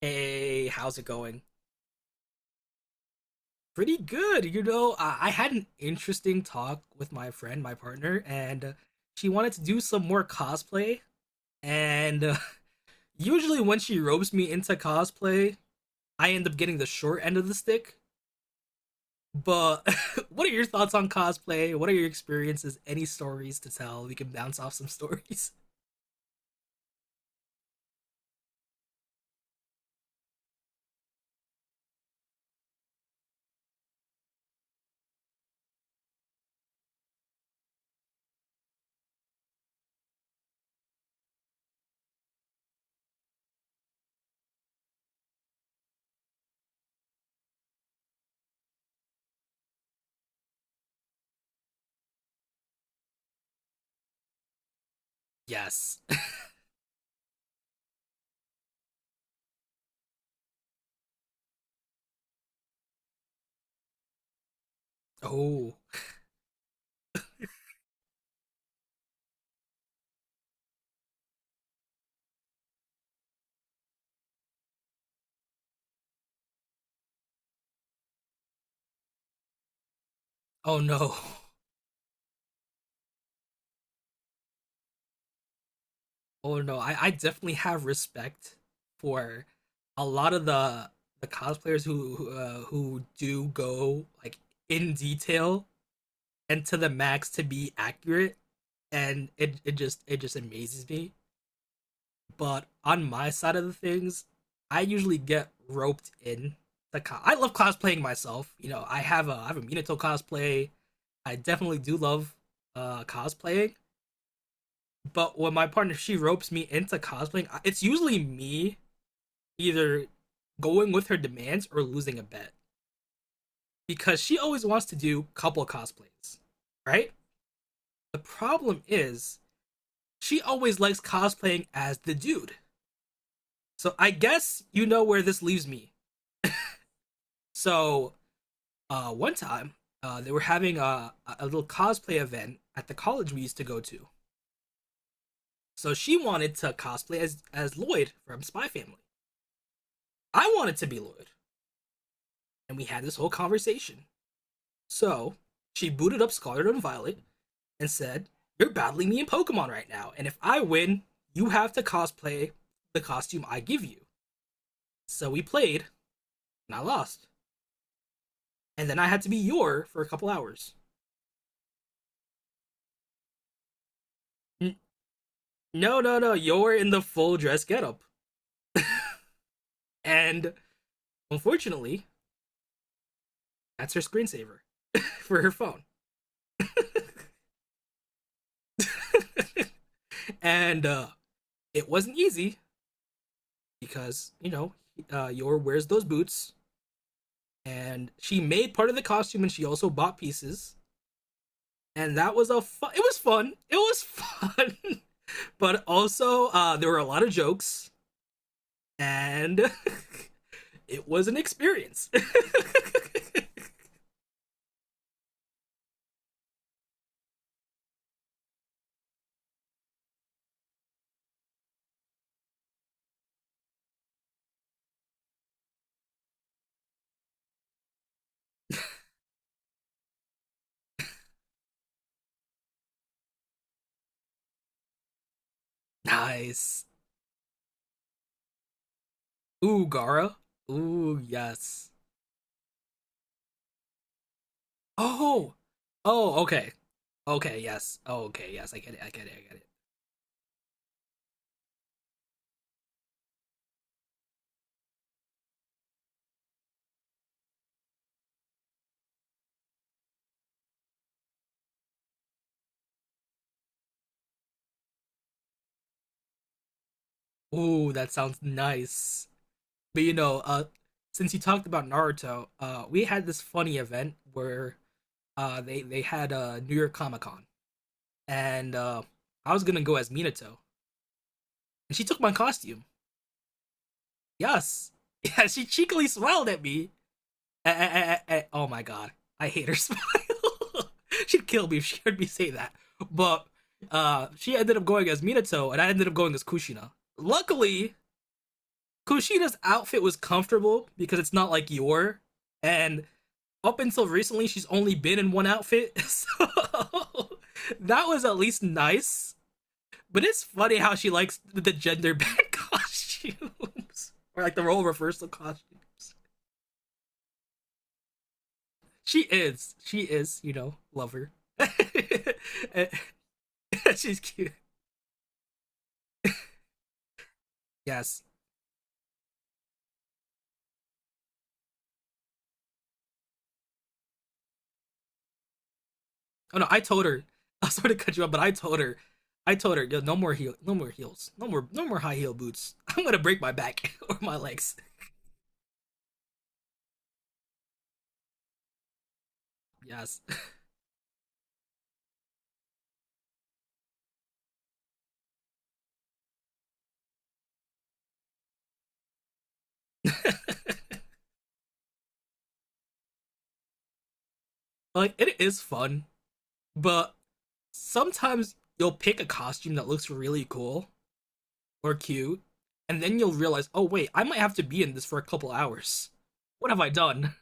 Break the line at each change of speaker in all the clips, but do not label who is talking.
Hey, how's it going? Pretty good. I had an interesting talk with my friend, my partner, and she wanted to do some more cosplay. And Usually, when she ropes me into cosplay, I end up getting the short end of the stick. But what are your thoughts on cosplay? What are your experiences? Any stories to tell? We can bounce off some stories. Yes. Oh. Oh no. Oh no, I definitely have respect for a lot of the cosplayers who do go like in detail and to the max to be accurate, and it just amazes me. But on my side of the things, I usually get roped in I love cosplaying myself. You know, I have a Minato cosplay. I definitely do love cosplaying, but when my partner she ropes me into cosplaying, it's usually me either going with her demands or losing a bet because she always wants to do couple cosplays, right? The problem is she always likes cosplaying as the dude. So I guess you know where this leaves me. So one time they were having a little cosplay event at the college we used to go to. So she wanted to cosplay as Lloyd from Spy Family. I wanted to be Lloyd, and we had this whole conversation. So she booted up Scarlet and Violet, and said, "You're battling me in Pokemon right now, and if I win, you have to cosplay the costume I give you." So we played, and I lost. And then I had to be Yor for a couple hours. N- no, no, no, Yor in the full dress getup. And unfortunately, that's her screensaver for her phone. And it wasn't easy because, you know, Yor wears those boots. And she made part of the costume and she also bought pieces. And that was a fun, it was fun. It was fun. But also there were a lot of jokes and it was an experience. Nice. Ooh, Gara. Ooh, yes. Oh. Oh, okay. Okay, yes. Oh, okay, yes. I get it. I get it. I get it. Ooh, that sounds nice. But you know, since you talked about Naruto, we had this funny event where they had a New York Comic Con and I was going to go as Minato and she took my costume. Yes. Yeah, she cheekily smiled at me. Oh my god, I hate her smile. She'd kill me if she heard me say that. But she ended up going as Minato, and I ended up going as Kushina. Luckily, Kushina's outfit was comfortable because it's not like your. And up until recently, she's only been in one outfit, so that was at least nice. But it's funny how she likes the gender bent costumes, or like the role reversal costumes. She is. She is, you know, love her. She's cute. Yes. Oh no, I told her. I sort to cut you off, but I told her. I told her, yo, no more heel, no more heels, no more high heel boots. I'm gonna break my back or my legs. Yes. Like it is fun, but sometimes you'll pick a costume that looks really cool or cute, and then you'll realize, oh wait, I might have to be in this for a couple hours. What have I done?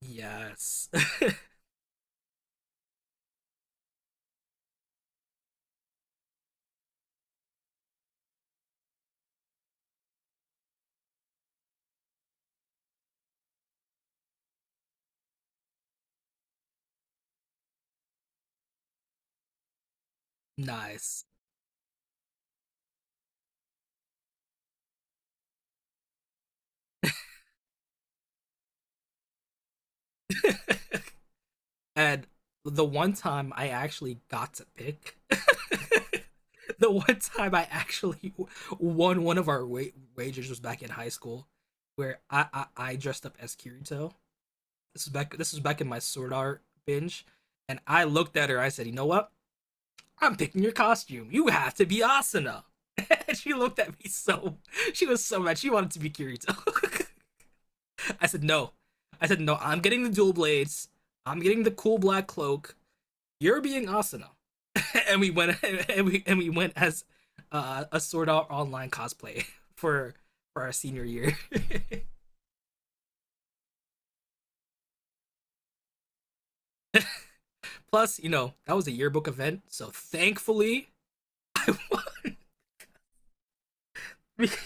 Yes. Nice. And the one time I actually got to pick, the one time I actually won one of our wagers was back in high school, where I dressed up as Kirito. This was back in my Sword Art binge, and I looked at her. I said, "You know what? I'm picking your costume. You have to be Asuna." And she looked at me so she was so mad. She wanted to be Kirito. I said no. I said no. I'm getting the dual blades. I'm getting the cool black cloak, you're being Asuna, and we went and we went as a sort out online cosplay for for our senior year. Plus, you know that was a yearbook event, so thankfully,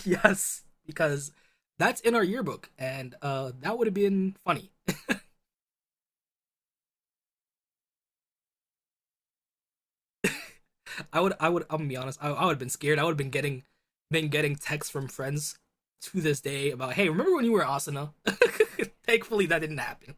yes, because that's in our yearbook, and that would have been funny. I'm gonna be honest, I would have been scared. I would have been getting texts from friends to this day about, hey, remember when you were Asuna? Thankfully, that didn't happen.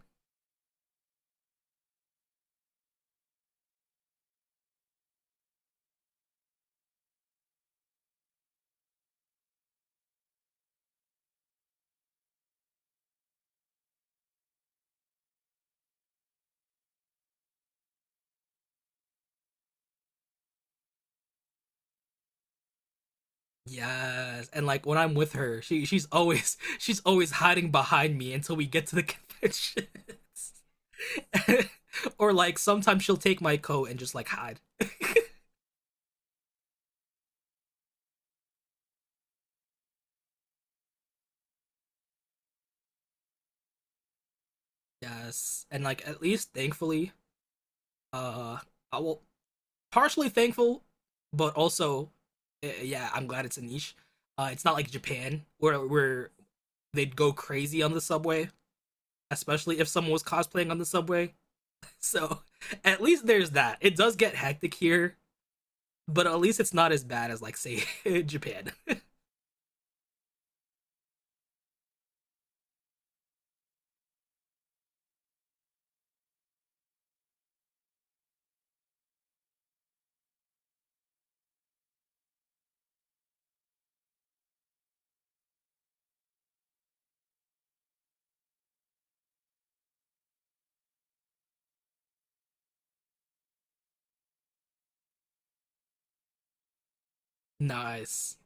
Yes, and like when I'm with her, she's always she's always hiding behind me until we get to the conventions. Or like sometimes she'll take my coat and just like hide. Yes, and like at least thankfully, uh, I will partially thankful, but also, yeah, I'm glad it's a niche. It's not like Japan where they'd go crazy on the subway, especially if someone was cosplaying on the subway. So at least there's that. It does get hectic here but at least it's not as bad as like say Japan. Nice.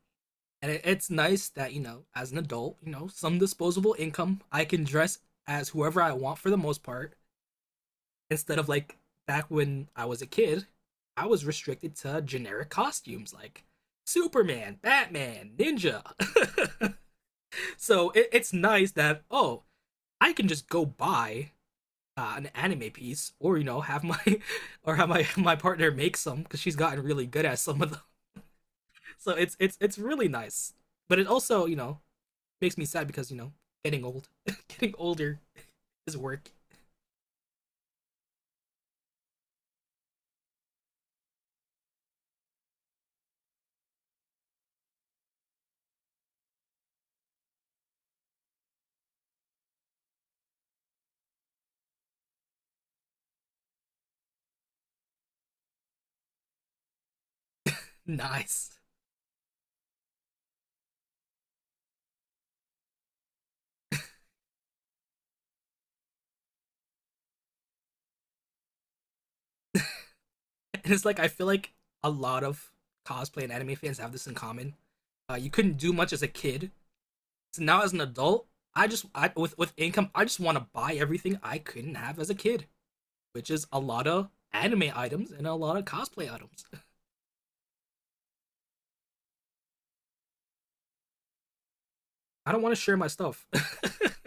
And it, it's nice that, you know, as an adult, you know, some disposable income, I can dress as whoever I want for the most part instead of like back when I was a kid, I was restricted to generic costumes like Superman, Batman, Ninja. So it, it's nice that oh, I can just go buy an anime piece, or you know, have my or have my my partner make some because she's gotten really good at some of so it's really nice, but it also you know makes me sad because you know getting old, getting older is work. Nice, and it's like I feel like a lot of cosplay and anime fans have this in common. You couldn't do much as a kid, so now as an adult, with income, I just want to buy everything I couldn't have as a kid, which is a lot of anime items and a lot of cosplay items. I don't want to share my stuff.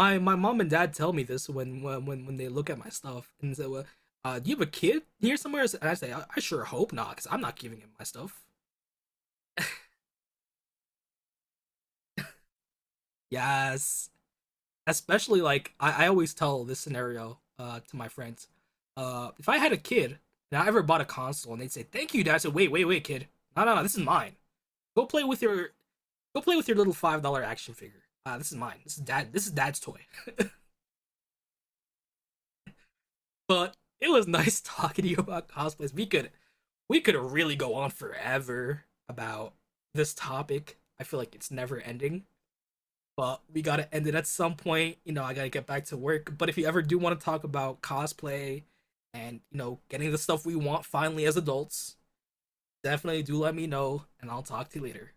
My mom and dad tell me this when they look at my stuff and say, well, "Do you have a kid here somewhere?" And I say, I sure hope not, because I'm not giving him my stuff." Yes, especially like I always tell this scenario to my friends. If I had a kid and I ever bought a console and they'd say, "Thank you, dad," I said, "Wait, wait, wait, kid, no, no, no, this is mine. Go play with your Go play with your little $5 action figure. This is mine. This is dad. This is dad's toy." But it was nice talking to you about cosplays. We could really go on forever about this topic. I feel like it's never ending, but we gotta end it at some point. You know, I gotta get back to work. But if you ever do want to talk about cosplay and, you know, getting the stuff we want finally as adults, definitely do let me know and I'll talk to you later.